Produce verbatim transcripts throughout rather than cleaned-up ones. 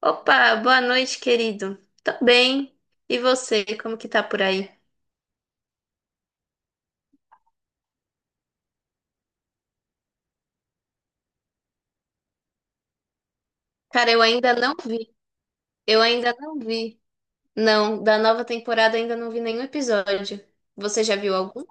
Opa, boa noite, querido. Tô bem. E você, como que tá por aí? Cara, eu ainda não vi. Eu ainda não vi. Não, da nova temporada ainda não vi nenhum episódio. Você já viu algum?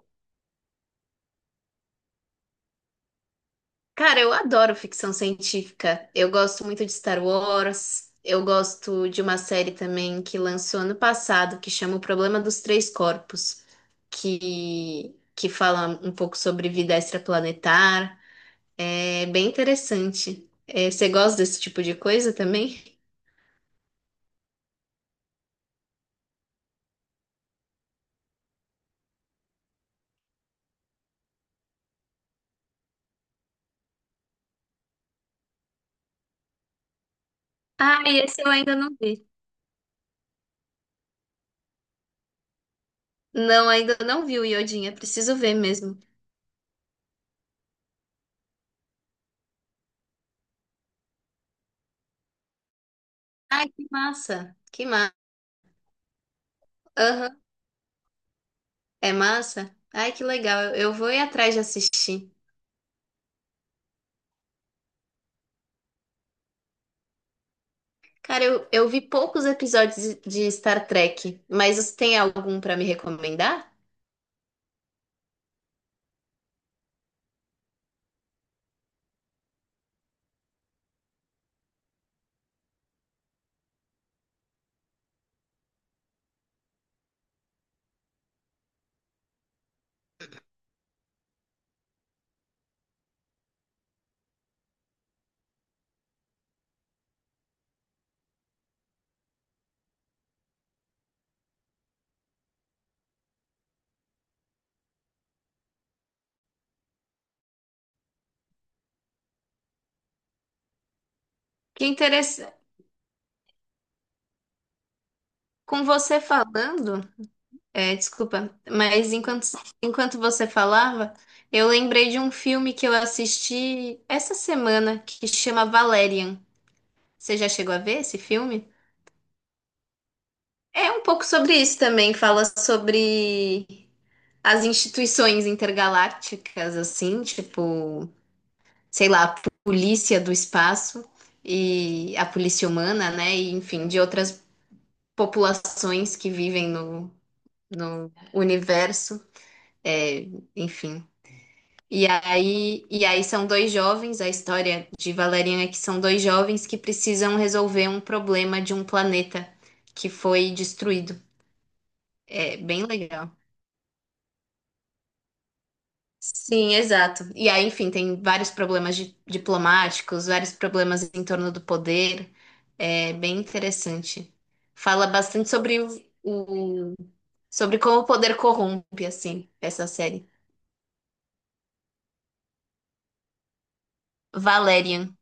Cara, eu adoro ficção científica. Eu gosto muito de Star Wars. Eu gosto de uma série também que lançou ano passado, que chama O Problema dos Três Corpos, que, que fala um pouco sobre vida extraplanetar. É bem interessante. É, você gosta desse tipo de coisa também? Ah, esse eu ainda não vi. Não, ainda não vi o Iodinha. Preciso ver mesmo. Ai, que massa. Que massa. Aham. É massa? Ai, que legal. Eu, eu vou ir atrás de assistir. Cara, eu, eu vi poucos episódios de Star Trek, mas você tem algum pra me recomendar? Que interessante. Com você falando. É, desculpa, mas enquanto, enquanto você falava, eu lembrei de um filme que eu assisti essa semana que chama Valerian. Você já chegou a ver esse filme? É um pouco sobre isso também, fala sobre as instituições intergalácticas, assim, tipo, sei lá, a polícia do espaço e a polícia humana, né? E enfim, de outras populações que vivem no, no universo. É, enfim. E aí, e aí são dois jovens, a história de Valerian é que são dois jovens que precisam resolver um problema de um planeta que foi destruído. É bem legal. Sim, exato. E aí, enfim, tem vários problemas di- diplomáticos, vários problemas em torno do poder. É bem interessante. Fala bastante sobre o, o- sobre como o poder corrompe, assim, essa série. Valerian.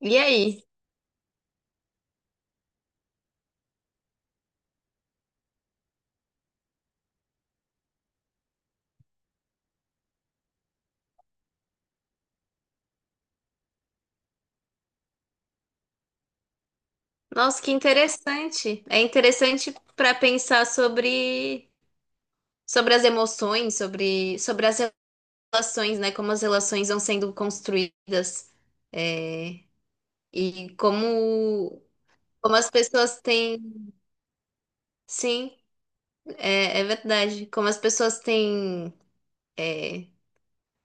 E aí? Nossa, que interessante. É interessante para pensar sobre, sobre as emoções, sobre, sobre as relações, né? Como as relações vão sendo construídas. É, e como, como as pessoas têm. Sim, é, é verdade. Como as pessoas têm. é,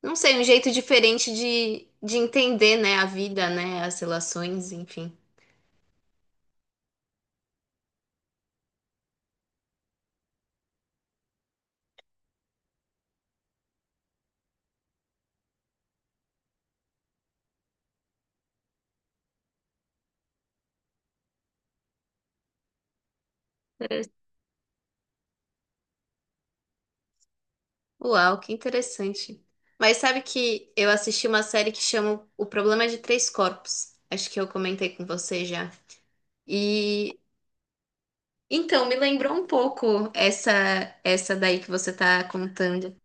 não sei, um jeito diferente de, de entender, né, a vida, né, as relações, enfim. Uau, que interessante. Mas sabe que eu assisti uma série que chama O Problema de Três Corpos. Acho que eu comentei com você já. E então me lembrou um pouco essa essa daí que você tá contando,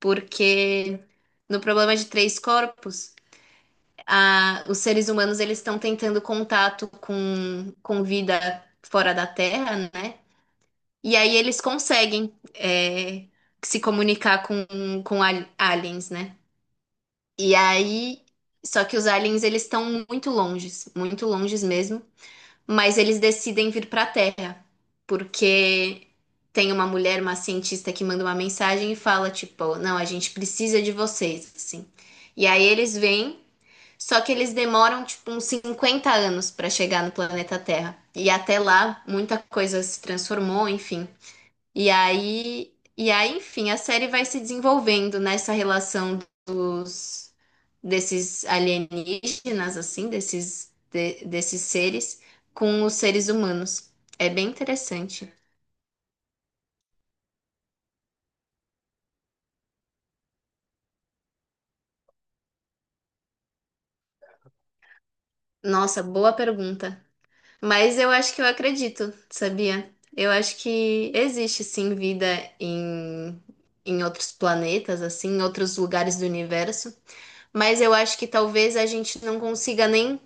porque no Problema de Três Corpos, a, os seres humanos eles estão tentando contato com com vida fora da Terra, né? E aí eles conseguem é, se comunicar com com ali- aliens, né? E aí, só que os aliens eles estão muito longes, muito longes mesmo, mas eles decidem vir para a Terra, porque tem uma mulher, uma cientista que manda uma mensagem e fala tipo, não, a gente precisa de vocês, assim. E aí eles vêm, só que eles demoram tipo uns cinquenta anos para chegar no planeta Terra. E até lá muita coisa se transformou, enfim. E aí, e aí, enfim, a série vai se desenvolvendo nessa relação dos desses alienígenas, assim, desses de- desses seres com os seres humanos. É bem interessante. Nossa, boa pergunta. Mas eu acho que eu acredito, sabia? Eu acho que existe sim vida em em outros planetas, assim, em outros lugares do universo. Mas eu acho que talvez a gente não consiga nem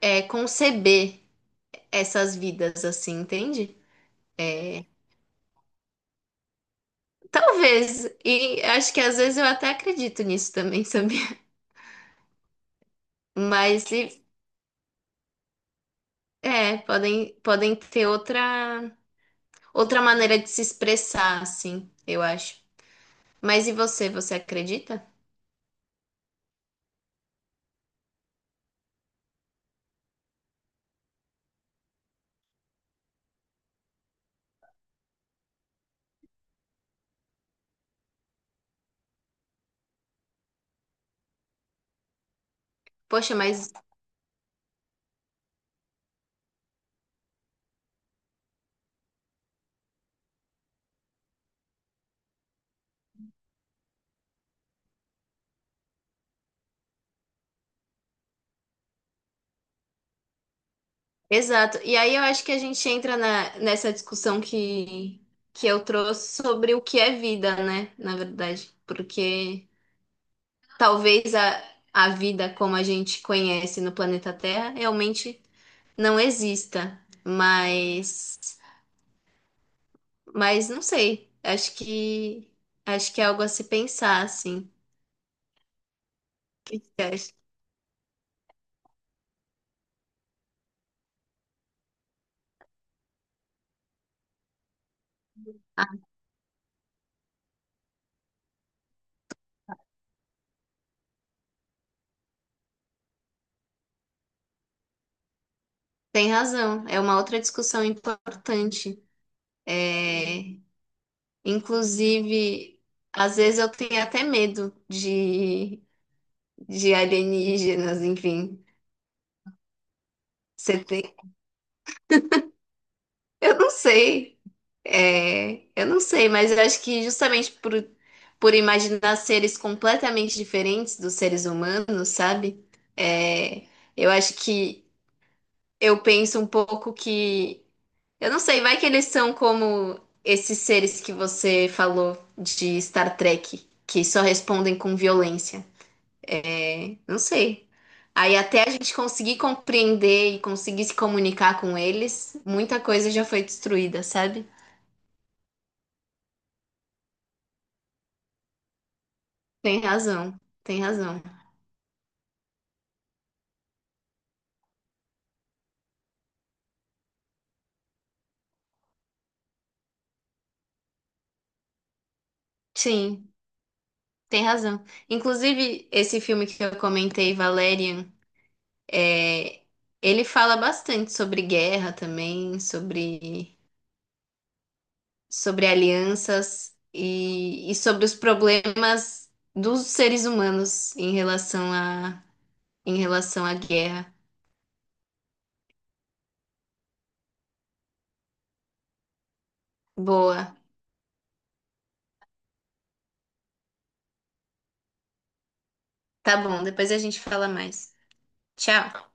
é, conceber essas vidas, assim, entende? É, talvez, e acho que às vezes eu até acredito nisso também, sabia? Mas se- É, podem, podem ter outra, outra maneira de se expressar, assim, eu acho. Mas e você, você acredita? Poxa, mas exato. E aí eu acho que a gente entra na, nessa discussão que, que eu trouxe sobre o que é vida, né? Na verdade, porque talvez a, a vida como a gente conhece no planeta Terra realmente não exista, mas mas não sei. Acho que acho que é algo a se pensar, assim. O que que você acha? Ah, tem razão. É uma outra discussão importante. É, inclusive, às vezes eu tenho até medo de de alienígenas, enfim. Você tem? Eu não sei. É, eu não sei, mas eu acho que justamente por, por imaginar seres completamente diferentes dos seres humanos, sabe? É, eu acho que eu penso um pouco que, eu não sei, vai que eles são como esses seres que você falou de Star Trek, que só respondem com violência. Não sei. Aí até a gente conseguir compreender e conseguir se comunicar com eles, muita coisa já foi destruída, sabe? Tem razão, tem razão. Sim, tem razão. Inclusive, esse filme que eu comentei, Valerian, é, ele fala bastante sobre guerra também, sobre, sobre alianças e, e sobre os problemas dos seres humanos em relação a, em relação à guerra. Boa. Tá bom, depois a gente fala mais. Tchau.